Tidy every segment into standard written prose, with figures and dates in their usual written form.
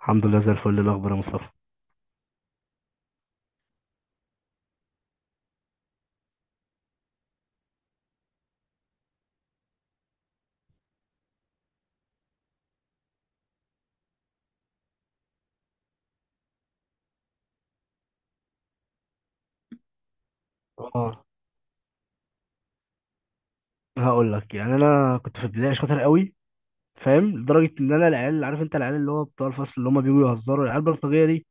الحمد لله زي الفل. إيه الاخبار يا مصطفى؟ اه هقول لك، يعني انا كنت في البدايه شاطر قوي، فاهم؟ لدرجه ان انا العيال، عارف انت، العيال اللي هو بتوع الفصل اللي هم بيجوا يهزروا، العيال البلطجيه دي،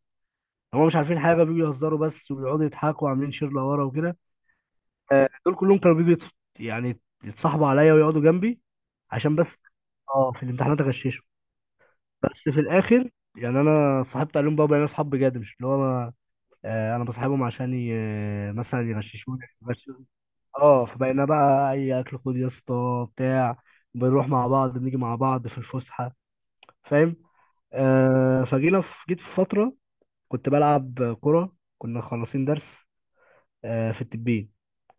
هم مش عارفين حاجه، بيجوا يهزروا بس ويقعدوا يضحكوا وعاملين شير لورا وكده. دول كلهم كانوا بيجوا يعني يتصاحبوا عليا ويقعدوا جنبي، عشان بس اه في الامتحانات اغششهم. بس في الاخر يعني انا اتصاحبت عليهم بقى، بقينا اصحاب بجد، مش اللي هو انا انا بصاحبهم عشان مثلا يغششوني. اه فبقينا بقى اي اكل خد يا اسطى بتاع، بنروح مع بعض بنيجي مع بعض في الفسحه، فاهم. فجينا في جيت في فتره كنت بلعب كره، كنا خلصين درس في التبين،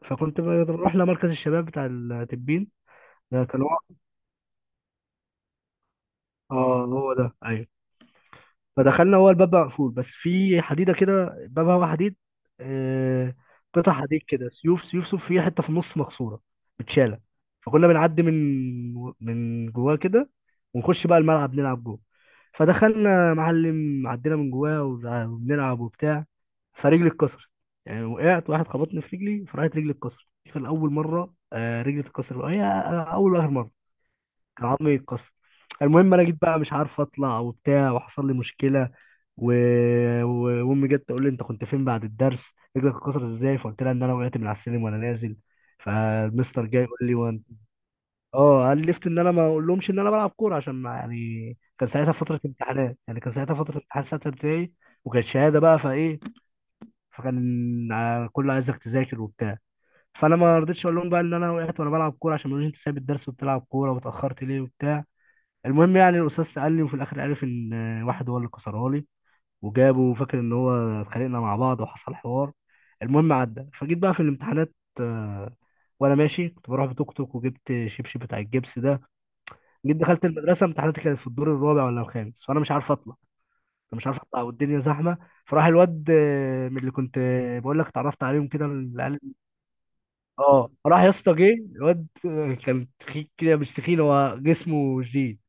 فكنت بروح لمركز الشباب بتاع التبين. ده كان هو. اه، هو ده، ايوه. فدخلنا، هو الباب بقى مقفول بس في حديده كده، بابها هو حديد، آه، قطع حديد كده، سيوف سيوف سيوف، فيها حته في النص مكسوره متشاله، فكنا بنعدي من جواه كده ونخش بقى الملعب نلعب جوه. فدخلنا يا معلم عدينا من جواه وبنلعب وبتاع، فرجلي اتكسرت. يعني وقعت، واحد خبطني في رجلي، فراحت رجلي اتكسرت. دي كان اول مره رجلي اتكسرت هي، اول واخر مره كان عظمي اتكسر. المهم انا جيت بقى مش عارف اطلع وبتاع، وحصل لي مشكله، و... وامي جت تقول لي انت كنت فين بعد الدرس، رجلك اتكسرت ازاي؟ فقلت لها ان انا وقعت من على السلم وانا نازل. فالمستر جاي يقول لي وان، اه الفت ان انا ما اقولهمش ان انا بلعب كوره، عشان ما، يعني كان ساعتها فتره امتحانات، يعني كان ساعتها فتره امتحان سته ابتدائي، وكانت شهاده بقى، فايه، فكان كله عايزك تذاكر وبتاع. فانا ما رضيتش اقول لهم بقى ان انا وقعت وانا بلعب كوره، عشان ما يقولوش انت سايب الدرس وبتلعب كوره واتاخرت ليه وبتاع. المهم يعني الاستاذ قال لي، وفي الاخر عرف ان واحد هو اللي كسرها لي، وجابه، وفاكر ان هو اتخانقنا مع بعض وحصل حوار. المهم عدى. فجيت بقى في الامتحانات آه، وانا ماشي كنت بروح بتوك توك وجبت شبشب بتاع الجبس ده. جيت دخلت المدرسه، امتحاناتي كانت في الدور الرابع ولا الخامس، فانا مش عارف اطلع، انا مش عارف اطلع والدنيا زحمه. فراح الواد من اللي كنت بقول لك اتعرفت عليهم كده العيال. اه راح يا اسطى جه الواد كان تخين كده، مش تخين، هو جسمه جديد.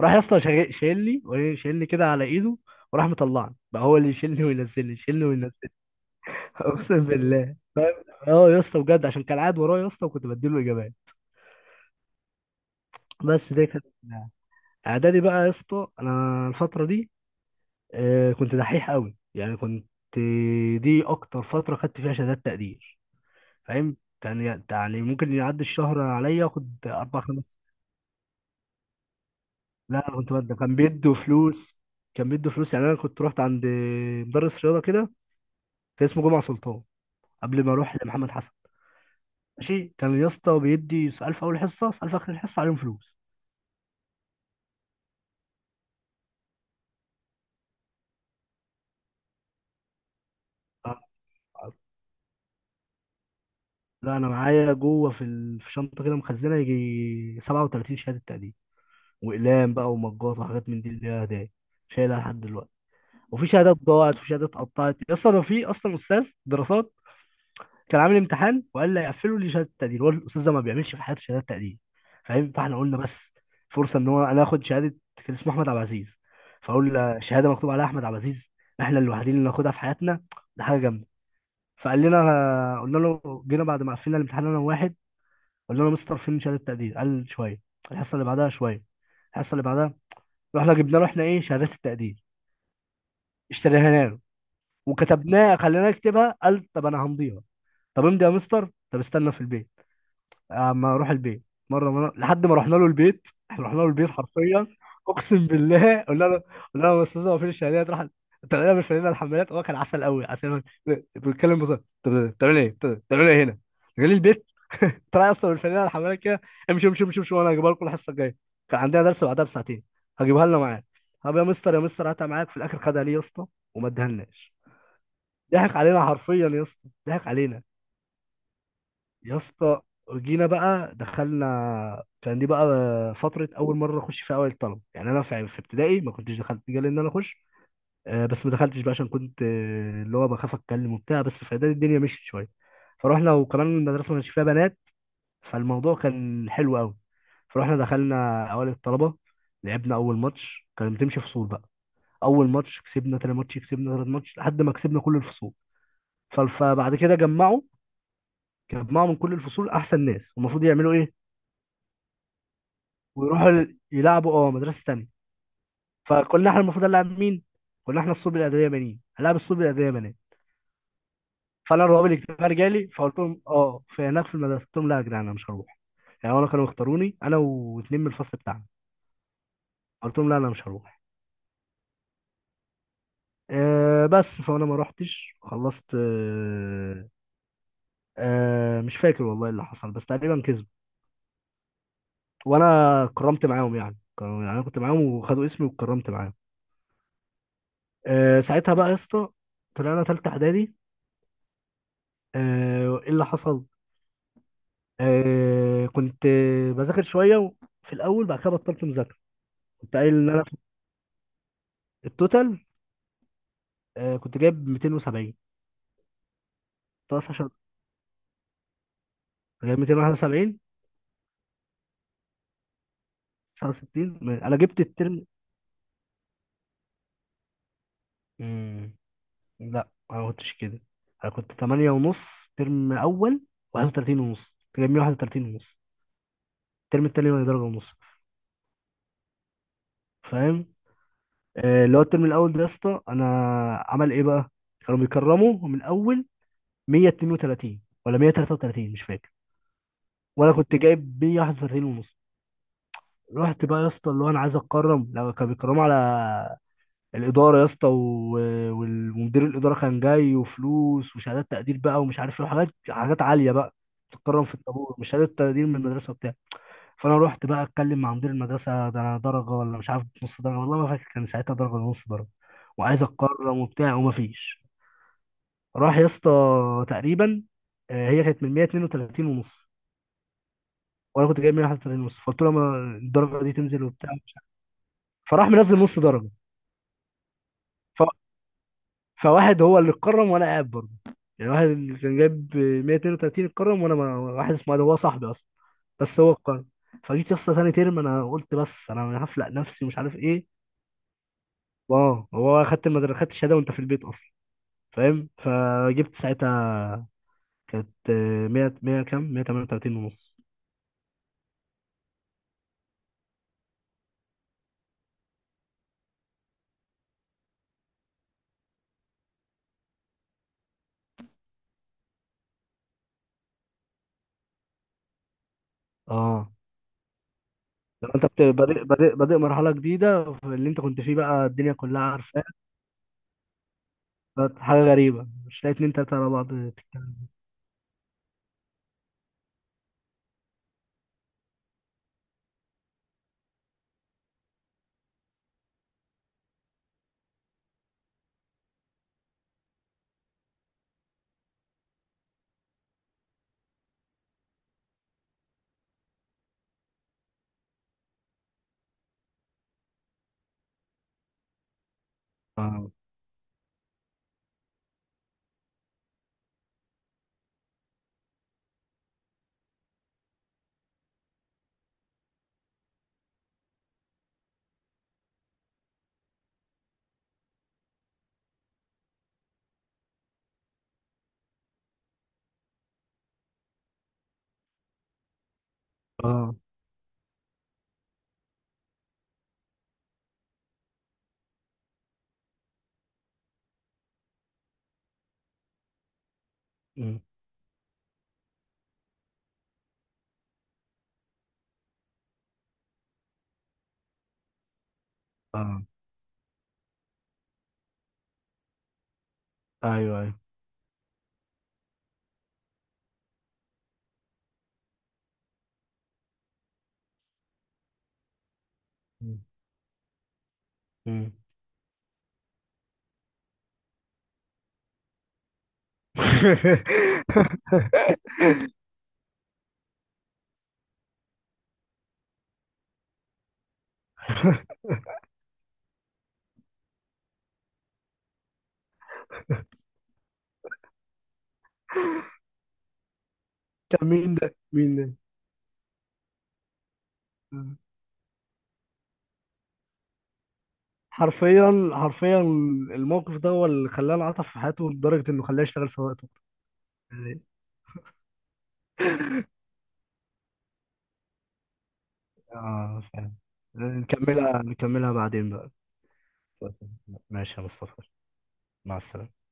راح يا اسطى شايلني شايلني كده على ايده، وراح مطلعني بقى، هو اللي يشيلني وينزلني، يشيلني وينزلني. اقسم بالله، اه يا اسطى بجد، عشان كان قاعد ورايا يا اسطى وكنت بديله اجابات. بس دي كانت. اعدادي بقى يا اسطى انا الفتره دي كنت دحيح قوي، يعني كنت. دي اكتر فتره خدت فيها شهادات تقدير، فاهم، يعني ممكن يعدي الشهر عليا اخد اربع خمس. لا انا كنت بقدم، كان بيدوا فلوس، كان بيدوا فلوس. يعني انا كنت رحت عند مدرس رياضه كده، كان اسمه جمعه سلطان، قبل ما اروح لمحمد حسن. ماشي، كان يا اسطى بيدي سؤال في اول حصه، سؤال في اخر الحصه، عليهم فلوس. لا انا معايا جوه في في شنطه كده مخزنه يجي 37 شهاده تقديم، واقلام بقى ومجات وحاجات من دي اللي هي هدايا، شايلها لحد دلوقتي. وفي شهادات ضاعت وفي شهادات اتقطعت، اصلا في اصلا استاذ دراسات كان عامل امتحان، وقال لي هيقفلوا لي شهاده تقدير، هو الاستاذ ده ما بيعملش في حياته شهادات تقدير، فاهم. فاحنا قلنا بس فرصه ان هو انا اخد شهاده. كان اسمه احمد عبد العزيز، فاقول له شهاده مكتوب عليها احمد عبد العزيز، احنا الوحيدين اللي ناخدها في حياتنا، ده حاجه جامده. فقال لنا، قلنا له جينا بعد ما قفلنا الامتحان انا وواحد، قلنا له مستر فيلم شهاده تقدير. قال شويه. الحصه اللي بعدها شويه. الحصه اللي بعدها. رحنا جبنا له احنا ايه، شهادات التقدير، اشتريها له، وكتبناها خليناه يكتبها. قال طب انا همضيها. طب امضي يا مستر. طب استنى في البيت، اما اروح البيت. مره مره لحد ما رحنا له البيت، احنا رحنا له البيت حرفيا، اقسم بالله. قلنا له، قلنا له يا استاذ هو فين الشهادات؟ راح طلعنا بالفانله الحمالات، هو كان عسل قوي عسل، بيتكلم بصراحه. طب بتعمل ايه، طب بتعمل ايه هنا، جالي البيت؟ طلع اصلا بالفانله الحمالات كده، امشي امشي امشي امشي، وانا هجيبها لكم الحصه الجايه. كان عندنا درس بعدها بساعتين، هجيبها لنا معاك. طب يا مستر يا مستر هاتها معاك. في الاخر خدها ليه يا اسطى، وما ادهالناش. ضحك علينا حرفيا يا اسطى، ضحك علينا يا اسطى. جينا بقى دخلنا. كان دي بقى فترة أول مرة أخش فيها أوائل الطلبة، يعني أنا في ابتدائي ما كنتش دخلت، جالي إن أنا أخش، بس ما دخلتش بقى عشان كنت اللي هو بخاف أتكلم وبتاع، بس في إعدادي الدنيا مشيت شوية. فروحنا، وكمان المدرسة ما كانش فيها بنات، فالموضوع كان حلو أوي. فروحنا دخلنا أوائل الطلبة. لعبنا أول ماتش، كان بتمشي فصول بقى، أول ماتش كسبنا، تاني ماتش كسبنا، تالت ماتش، لحد ما كسبنا كل الفصول. فبعد كده جمعوا من كل الفصول أحسن ناس، والمفروض يعملوا إيه، ويروحوا يلعبوا مدرسه تانيه. فكنا احنا المفروض نلعب مين؟ كنا احنا الصلب الادبيه بنين، هنلعب الصلب الادبيه بنات. فانا الرواب الاجتماعي رجالي، فقلت لهم في هناك في المدرسه، قلت لهم لا يا جدعان انا مش هروح. يعني انا كانوا يختاروني انا واتنين من الفصل بتاعنا. قلت لهم لا انا مش هروح. أه بس فانا ما رحتش، خلصت. أه مش فاكر والله إيه اللي حصل، بس تقريبا كسبوا، وانا اتكرمت معاهم، يعني كانوا، يعني انا كنت معاهم وخدوا اسمي واتكرمت معاهم. أه ساعتها بقى يا اسطى طلعنا تالتة اعدادي. ايه اللي حصل؟ كنت بذاكر شويه في الاول، بعد كده بطلت مذاكره. كنت قايل ان انا. في التوتال كنت جايب 270. بلس عشان جايب 271، 69 انا جبت الترم. مم. لا انا ما كنتش كده، انا كنت 8 ونص ترم اول، 31 ونص كنت جايب 131 ونص الترم التاني، وانا درجه ونص بس، فاهم. اللي هو الترم الاول ده يا اسطى، انا عمل ايه بقى، كانوا بيكرموا من اول 132 ولا 133 مش فاكر، وانا كنت جايب 141 ونص. رحت بقى يا اسطى اللي هو انا عايز اتكرم، لو كانوا بيكرموا على الاداره يا اسطى، ومدير الاداره كان جاي، وفلوس وشهادات تقدير بقى ومش عارف ايه وحاجات، حاجات عاليه بقى، تتكرم في الطابور، مش شهاده تقدير من المدرسه وبتاع. فانا رحت بقى اتكلم مع مدير المدرسه، ده انا درجه ولا مش عارف نص درجه، والله ما فاكر كان ساعتها درجه ولا نص درجه، وعايز اتكرم وبتاع، ومفيش. راح يا اسطى تقريبا هي كانت من 132 ونص، وانا كنت جايب 181 ونص، فقلت له ما الدرجه دي تنزل وبتاع مش عارف. فراح منزل نص درجه. ف... فواحد هو اللي اتكرم، وانا قاعد برضه، يعني واحد اللي كان جايب 132 اتكرم، وانا ما... واحد اسمه علي هو صاحبي اصلا، بس هو اتكرم. فجيت يا اسطى تاني ترم، انا قلت بس انا هفلق نفسي ومش عارف ايه. اه هو خدت المدرسه خدت الشهاده وانت في البيت اصلا، فاهم. فجبت ساعتها، كانت 100، 100 كام، 138 ونص. اه لو انت بادئ مرحله جديده في اللي انت كنت فيه، بقى الدنيا كلها عارفه. بالظبط، حاجة غريبة، مش لاقي اتنين تلاتة على بعض تتكلم. اه. مم. اه، ايوه ايوه. مم. مم. كان مين ده؟ مين ده؟ آه. حرفيا حرفيا، الموقف ده هو اللي خلاه انعطف في حياته، لدرجة انه خلاه يشتغل سواق توك توك. اه، فاهم. نكملها نكملها بعدين بقى. ماشي يا مصطفى. مع السلامة.